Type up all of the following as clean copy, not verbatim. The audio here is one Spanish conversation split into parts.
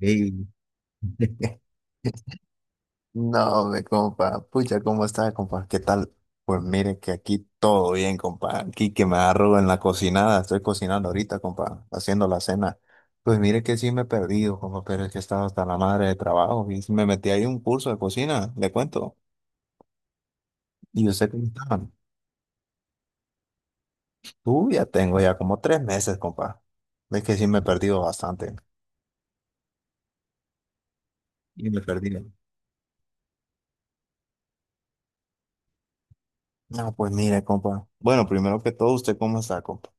Ey. No, me compa, pucha, ¿cómo está, compa? ¿Qué tal? Pues mire que aquí todo bien, compa. Aquí que me agarro en la cocinada, estoy cocinando ahorita, compa, haciendo la cena. Pues mire que sí me he perdido, compa, pero es que estaba hasta la madre de trabajo y sí me metí ahí un curso de cocina, le cuento. ¿Y usted cómo estaba? Tú ya tengo ya como 3 meses, compa. Es que sí me he perdido bastante. Y me perdí. No, pues mire, compa. Bueno, primero que todo, ¿usted cómo está, compa?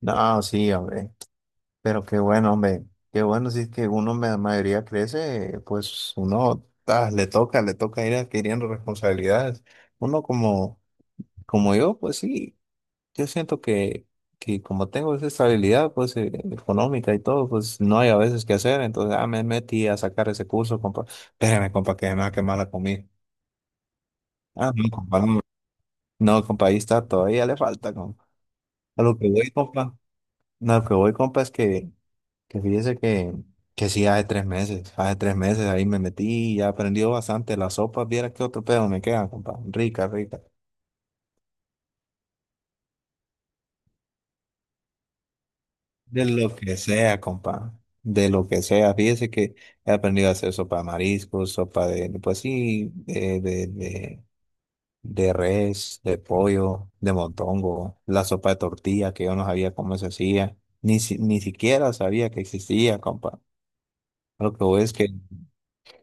No, sí, hombre. Pero qué bueno, hombre, qué bueno, si es que uno me la mayoría crece, pues uno le toca ir adquiriendo responsabilidades. Uno como, como yo, pues sí, yo siento que como tengo esa estabilidad pues económica y todo, pues no hay a veces que hacer, entonces me metí a sacar ese curso, compa, espérame, compa, que me va a quemar la comida. Ah, no, compa, no, no, compa, ahí está, todavía le falta, compa. A lo que voy, compa, no, a lo que voy, compa, es que que fíjese que sí, hace 3 meses, hace tres meses ahí me metí y ya aprendí bastante. La sopa, viera qué otro pedo me queda, compa. Rica, rica. De lo que sea, compa. De lo que sea. Fíjese que he aprendido a hacer sopa de mariscos, sopa de, pues sí, de res, de pollo, de montongo, la sopa de tortilla, que yo no sabía cómo se hacía. Ni siquiera sabía que existía, compa. Lo que voy es que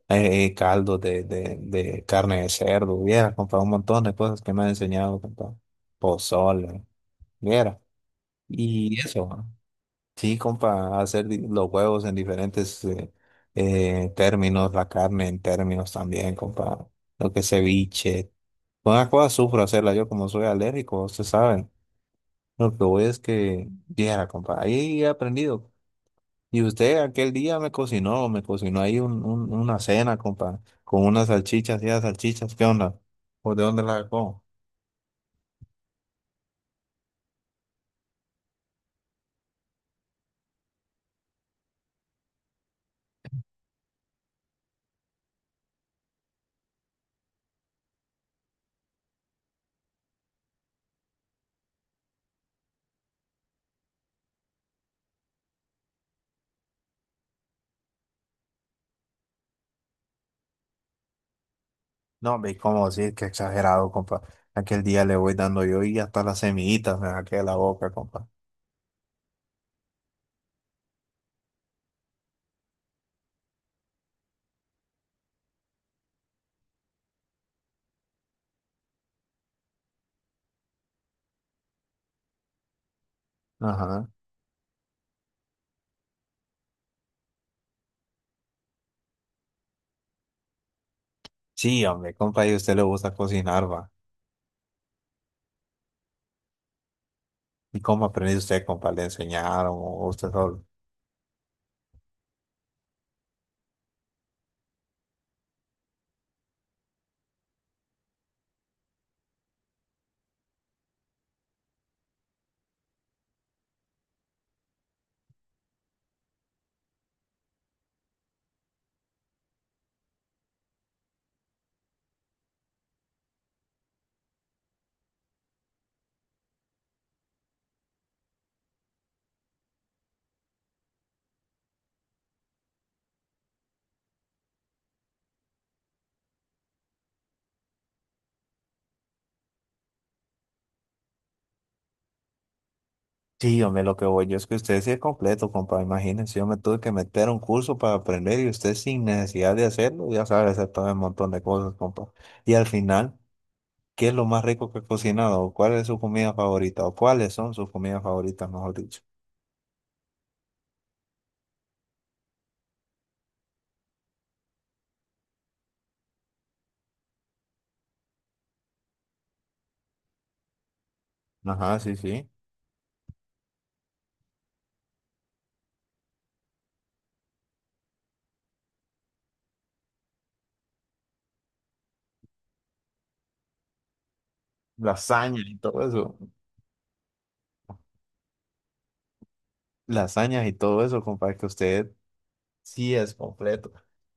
caldo de carne de cerdo, hubiera comprado un montón de cosas que me han enseñado, compa. Pozole, hubiera. Y eso, ¿no? Sí, compa, hacer los huevos en diferentes términos, la carne en términos también, compa. Lo que es ceviche. Una cosa sufro hacerla yo como soy alérgico, ustedes saben. Lo que voy es que, viera, compa, ahí he aprendido. Y usted aquel día me cocinó ahí una cena, compa, con unas salchichas y las salchichas, ¿qué onda? ¿O de dónde las sacó? No, ve cómo decir que exagerado, compa. Aquel día le voy dando yo y hasta las semillitas me saqué de la boca, compa. Ajá. Sí, hombre, compa, y a usted le gusta cocinar, va. ¿Y cómo aprendió usted, compa? ¿Le enseñaron o usted solo? Sí, hombre, lo que voy yo es que usted sí es completo, compa. Imagínense, yo me tuve que meter a un curso para aprender y usted sin necesidad de hacerlo, ya sabe hacer todo un montón de cosas, compa. Y al final, ¿qué es lo más rico que ha cocinado? ¿O ¿Cuál es su comida favorita? ¿O cuáles son sus comidas favoritas, mejor dicho? Ajá, sí, sí. Lasañas y todo eso. Lasañas y todo eso, compa, que usted. Sí, es completo.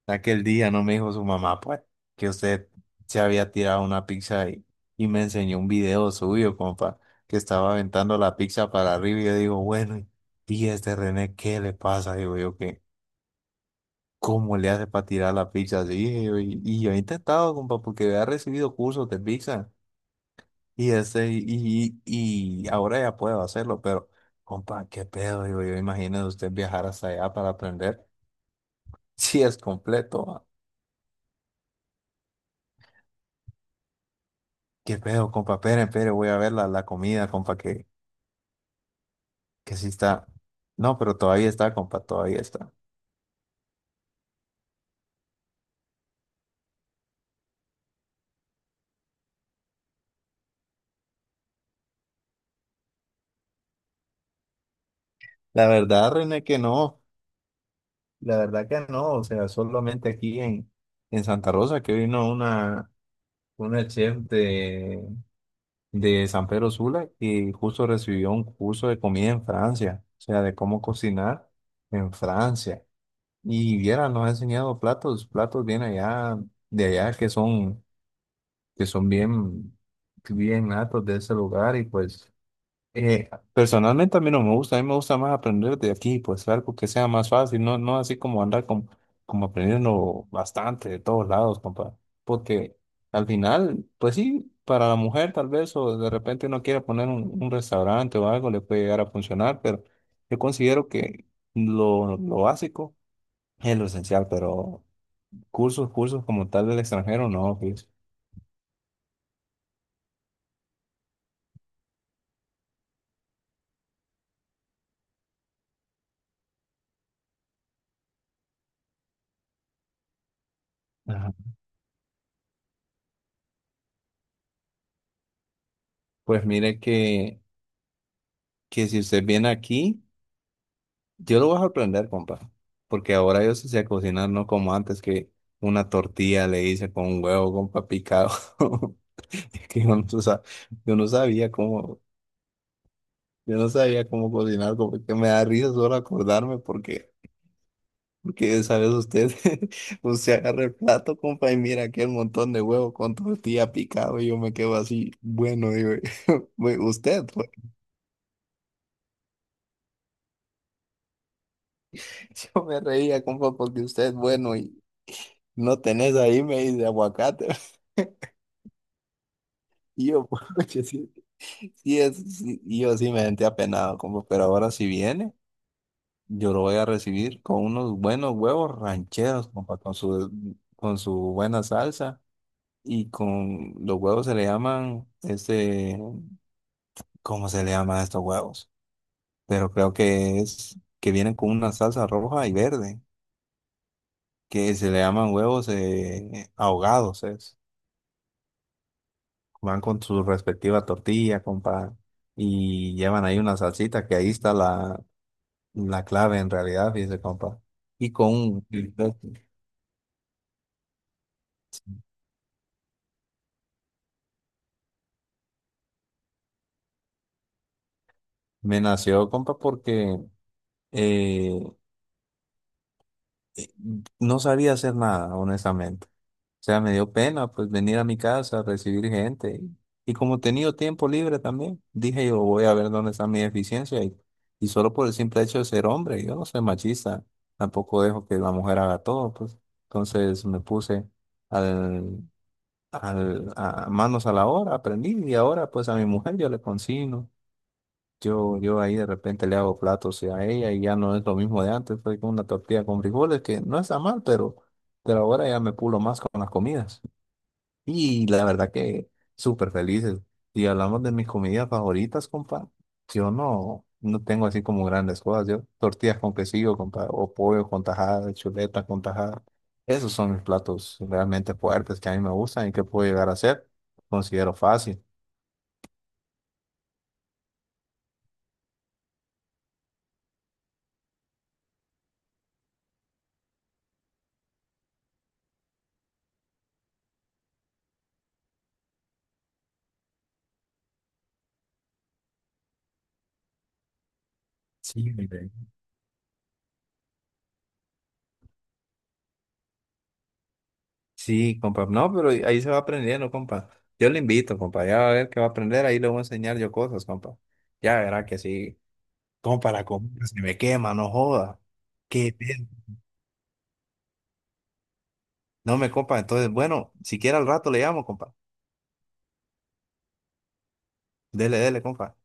Aquel día no me dijo su mamá, pues, que usted se había tirado una pizza y me enseñó un video suyo, compa, que estaba aventando la pizza para arriba y yo digo, bueno, y este René, ¿qué le pasa? Digo yo, que ¿cómo le hace para tirar la pizza así? Y yo he intentado, compa, porque había recibido cursos de pizza y, este, y, y ahora ya puedo hacerlo, pero, compa, ¿qué pedo? Digo yo, imagínese usted viajar hasta allá para aprender. Sí, es completo. ¿Qué pedo, compa? Espere, espere, voy a ver la comida, compa, que sí está. No, pero todavía está, compa, todavía está. La verdad, René, que no. La verdad que no. O sea, solamente aquí en Santa Rosa que vino una chef de San Pedro Sula y justo recibió un curso de comida en Francia. O sea, de cómo cocinar en Francia. Y viera, nos ha enseñado platos, platos bien allá, de allá que son. Que son bien, bien natos de ese lugar y pues personalmente a mí no me gusta, a mí me gusta más aprender de aquí, pues algo que sea más fácil, no, no así como andar como, como aprendiendo bastante de todos lados, compa, porque al final, pues sí, para la mujer tal vez o de repente uno quiera poner un restaurante o algo, le puede llegar a funcionar, pero yo considero que lo básico es lo esencial, pero cursos, cursos como tal del extranjero, no, pues. Pues mire que si usted viene aquí, yo lo voy a aprender, compa. Porque ahora yo sí sé cocinar, no como antes que una tortilla le hice con un huevo, compa, picado. Es que yo no, yo no sabía cómo, yo no sabía cómo cocinar, compa. Que me da risa solo acordarme porque, porque sabes usted, usted agarra el plato, compa, y mira aquel montón de huevo con tortilla picado y yo me quedo así, bueno, digo, "Güey, usted, pues. Yo me reía, compa, porque usted es bueno no tenés ahí, me dice aguacate. Y yo, pucha, sí, sí es, sí. Y yo sí me sentí apenado, como, pero ahora si viene, yo lo voy a recibir con unos buenos huevos rancheros, compa, con su buena salsa. Y con los huevos se le llaman, este, ¿cómo se le llama a estos huevos? Pero creo que es que vienen con una salsa roja y verde, que se le llaman huevos ahogados, es. Van con su respectiva tortilla, compa, y llevan ahí una salsita, que ahí está la, la clave en realidad, fíjese, compa. Y con un, sí. Me nació, compa, porque eh, eh, no sabía hacer nada, honestamente. O sea, me dio pena pues venir a mi casa a recibir gente. Y como he tenido tiempo libre también, dije yo voy a ver dónde está mi deficiencia. Y solo por el simple hecho de ser hombre, yo no soy machista, tampoco dejo que la mujer haga todo, pues. Entonces me puse al, a manos a la obra, aprendí y ahora pues a mi mujer yo le consigno. Yo ahí de repente le hago platos y a ella y ya no es lo mismo de antes, fue con una tortilla con frijoles que no está mal, pero ahora ya me pulo más con las comidas. Y la verdad que súper felices. Y hablamos de mis comidas favoritas, compa. Yo no, no tengo así como grandes cosas. Yo tortillas con quesillo, compa, o pollo con tajada, chuletas con tajada. Esos son mis platos realmente fuertes que a mí me gustan y que puedo llegar a hacer. Considero fácil. Sí, mi bebé. Sí, compa. No, pero ahí se va aprendiendo, compa. Yo le invito, compa. Ya va a ver que va a aprender. Ahí le voy a enseñar yo cosas, compa. Ya verá que sí. Compa, la comida se me quema, no joda. Qué bien. No me, compa. Entonces, bueno, si quiere al rato le llamo, compa. Dele, dele, compa.